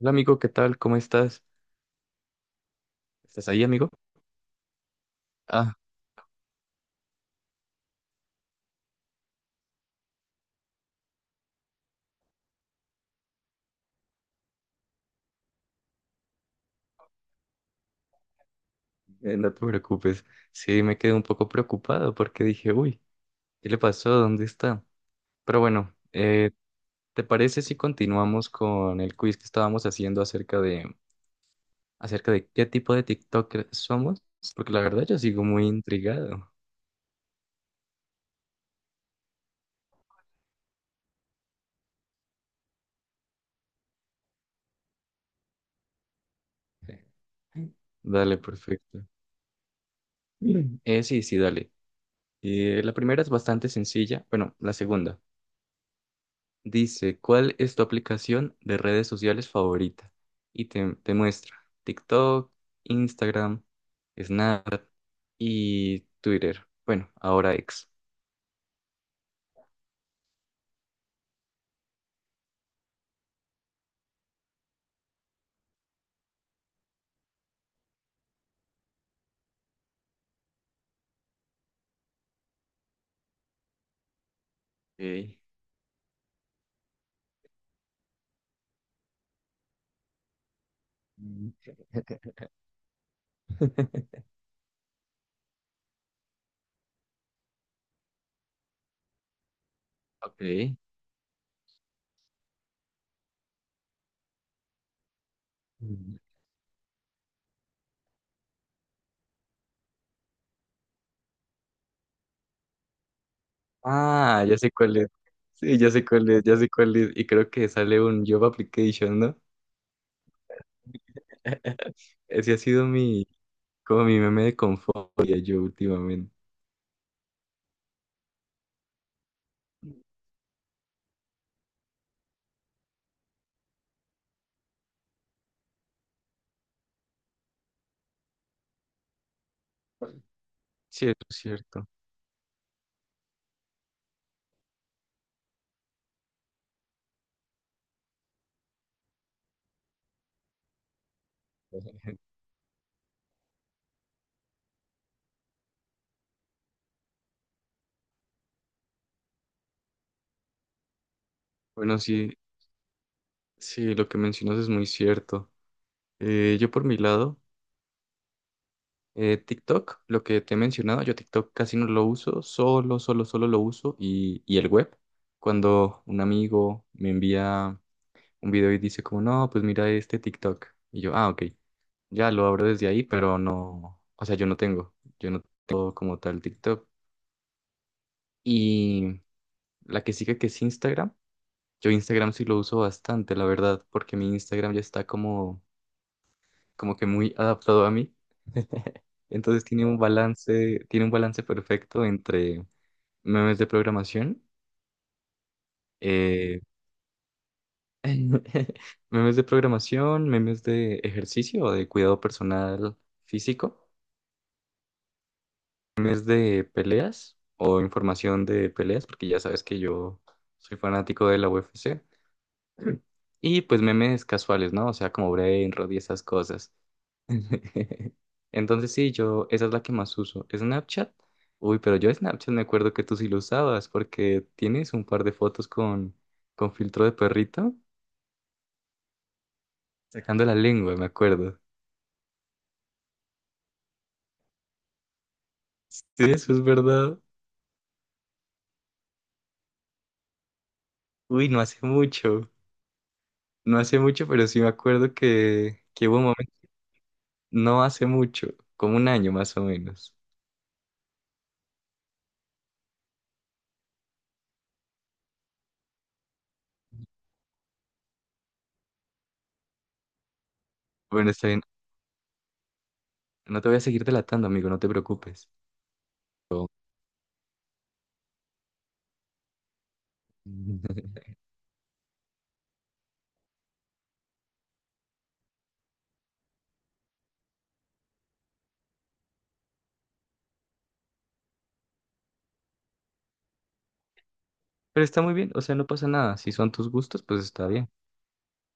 Hola amigo, ¿qué tal? ¿Cómo estás? ¿Estás ahí, amigo? Ah, no te preocupes. Sí, me quedé un poco preocupado porque dije, uy, ¿qué le pasó? ¿Dónde está? Pero bueno, ¿te parece si continuamos con el quiz que estábamos haciendo acerca de qué tipo de TikToker somos? Porque la verdad yo sigo muy intrigado. Dale, perfecto. Mm. Sí, sí, dale. La primera es bastante sencilla. Bueno, la segunda. Dice, ¿cuál es tu aplicación de redes sociales favorita? Y te muestra TikTok, Instagram, Snap y Twitter. Bueno, ahora ex. Ok. Mm. Ok. Mm. Ah, ya sé cuál es. Sí, ya sé cuál es, ya sé cuál es. Y creo que sale un Job Application, ¿no? Ese ha sido mi, como mi meme de confort yo últimamente. Cierto, cierto. Bueno, sí, sí, lo que mencionas es muy cierto. Yo por mi lado, TikTok, lo que te he mencionado, yo TikTok casi no lo uso, solo lo uso y el web. Cuando un amigo me envía un video y dice como, no, pues mira este TikTok. Y yo, ah, ok, ya lo abro desde ahí, pero no, o sea, yo no tengo como tal TikTok. Y la que sigue que es Instagram, yo Instagram sí lo uso bastante, la verdad, porque mi Instagram ya está como que muy adaptado a mí. Entonces tiene un balance perfecto entre memes de programación, eh, memes de programación, memes de ejercicio o de cuidado personal físico, memes de peleas o información de peleas, porque ya sabes que yo soy fanático de la UFC, y pues memes casuales, ¿no? O sea, como Brainrot y esas cosas. Entonces sí, yo, esa es la que más uso. Snapchat. Uy, pero yo Snapchat me acuerdo que tú sí lo usabas porque tienes un par de fotos con filtro de perrito sacando la lengua, me acuerdo. Sí, eso es verdad. Uy, no hace mucho. No hace mucho, pero sí me acuerdo que hubo un momento, no hace mucho, como un año más o menos. Bueno, está bien. No te voy a seguir delatando, amigo, no te preocupes. Pero está muy bien, o sea, no pasa nada. Si son tus gustos, pues está bien.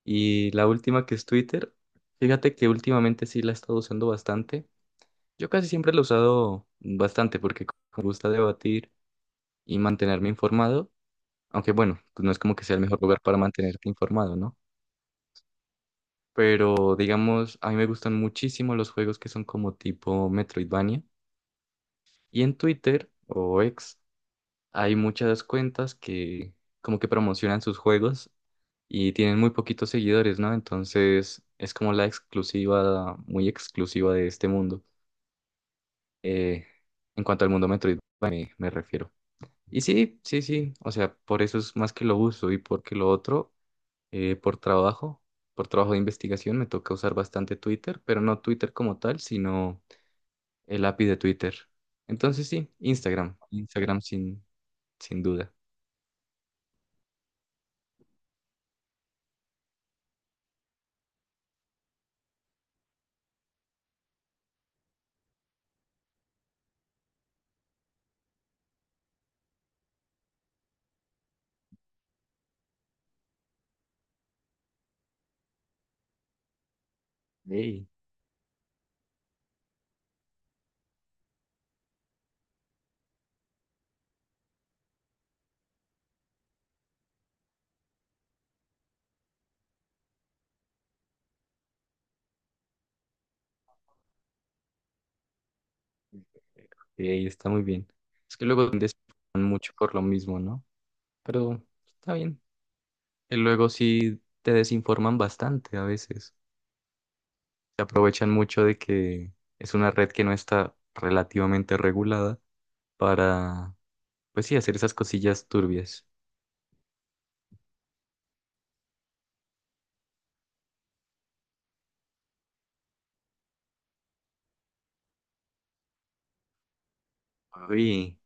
Y la última que es Twitter, fíjate que últimamente sí la he estado usando bastante. Yo casi siempre la he usado bastante porque me gusta debatir y mantenerme informado, aunque bueno, pues no es como que sea el mejor lugar para mantenerte informado, ¿no? Pero digamos, a mí me gustan muchísimo los juegos que son como tipo Metroidvania. Y en Twitter o X hay muchas cuentas que como que promocionan sus juegos y tienen muy poquitos seguidores, ¿no? Entonces es como la exclusiva, muy exclusiva de este mundo. Eh, en cuanto al mundo Metroid me refiero. Y sí, sí, sí, o sea, por eso es más que lo uso y porque lo otro, eh, por trabajo, por trabajo de investigación me toca usar bastante Twitter, pero no Twitter como tal, sino el API de Twitter. Entonces sí, Instagram sin duda. Ey. Sí, está muy bien. Es que luego te desinforman mucho por lo mismo, ¿no? Pero está bien. Y luego sí te desinforman bastante a veces. Se aprovechan mucho de que es una red que no está relativamente regulada para, pues sí, hacer esas cosillas turbias. Uy,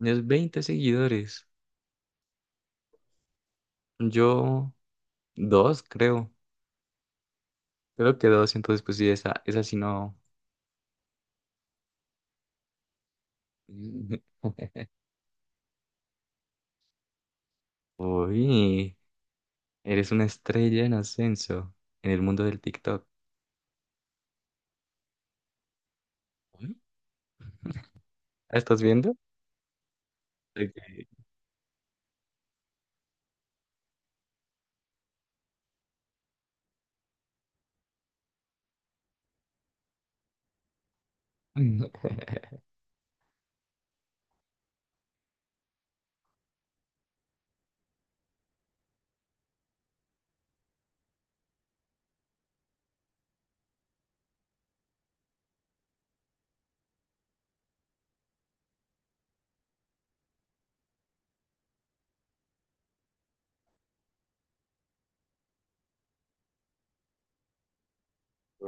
es 20 seguidores. Yo, dos, creo. Creo que dos, entonces pues sí, esa sí no. Uy, eres una estrella en ascenso en el mundo del TikTok. ¿Estás viendo? Ok.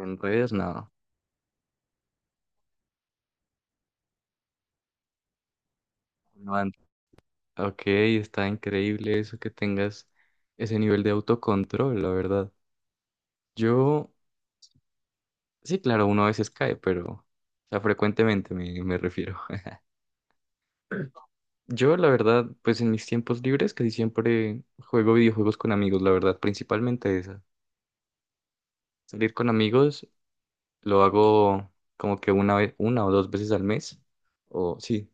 En redes, no. No antes. Ok, está increíble eso que tengas ese nivel de autocontrol, la verdad. Yo, sí, claro, uno a veces cae, pero, o sea, frecuentemente me refiero. Yo, la verdad, pues en mis tiempos libres casi siempre juego videojuegos con amigos, la verdad, principalmente esa. Salir con amigos lo hago como que una vez, una o dos veces al mes, o sí.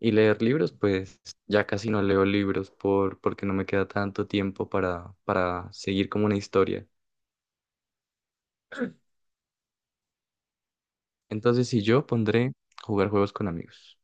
Y leer libros, pues ya casi no leo libros porque no me queda tanto tiempo para seguir como una historia. Entonces, si yo pondré jugar juegos con amigos.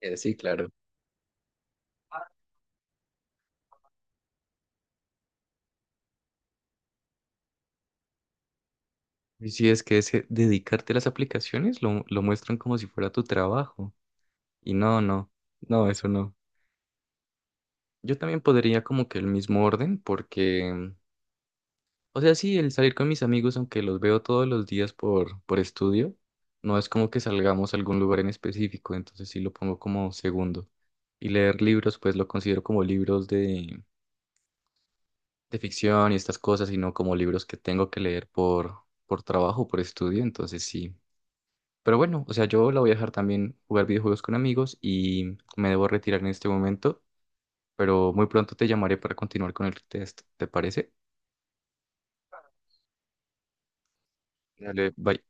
Sí, claro. Y si es que ese dedicarte a las aplicaciones lo muestran como si fuera tu trabajo. Y no, no, no, eso no. Yo también podría como que el mismo orden porque, o sea, sí, el salir con mis amigos, aunque los veo todos los días por estudio, no es como que salgamos a algún lugar en específico, entonces sí lo pongo como segundo. Y leer libros, pues lo considero como libros de ficción y estas cosas, y no como libros que tengo que leer por trabajo, por estudio, entonces sí. Pero bueno, o sea, yo la voy a dejar también jugar videojuegos con amigos y me debo retirar en este momento, pero muy pronto te llamaré para continuar con el test, ¿te parece? Dale, bye.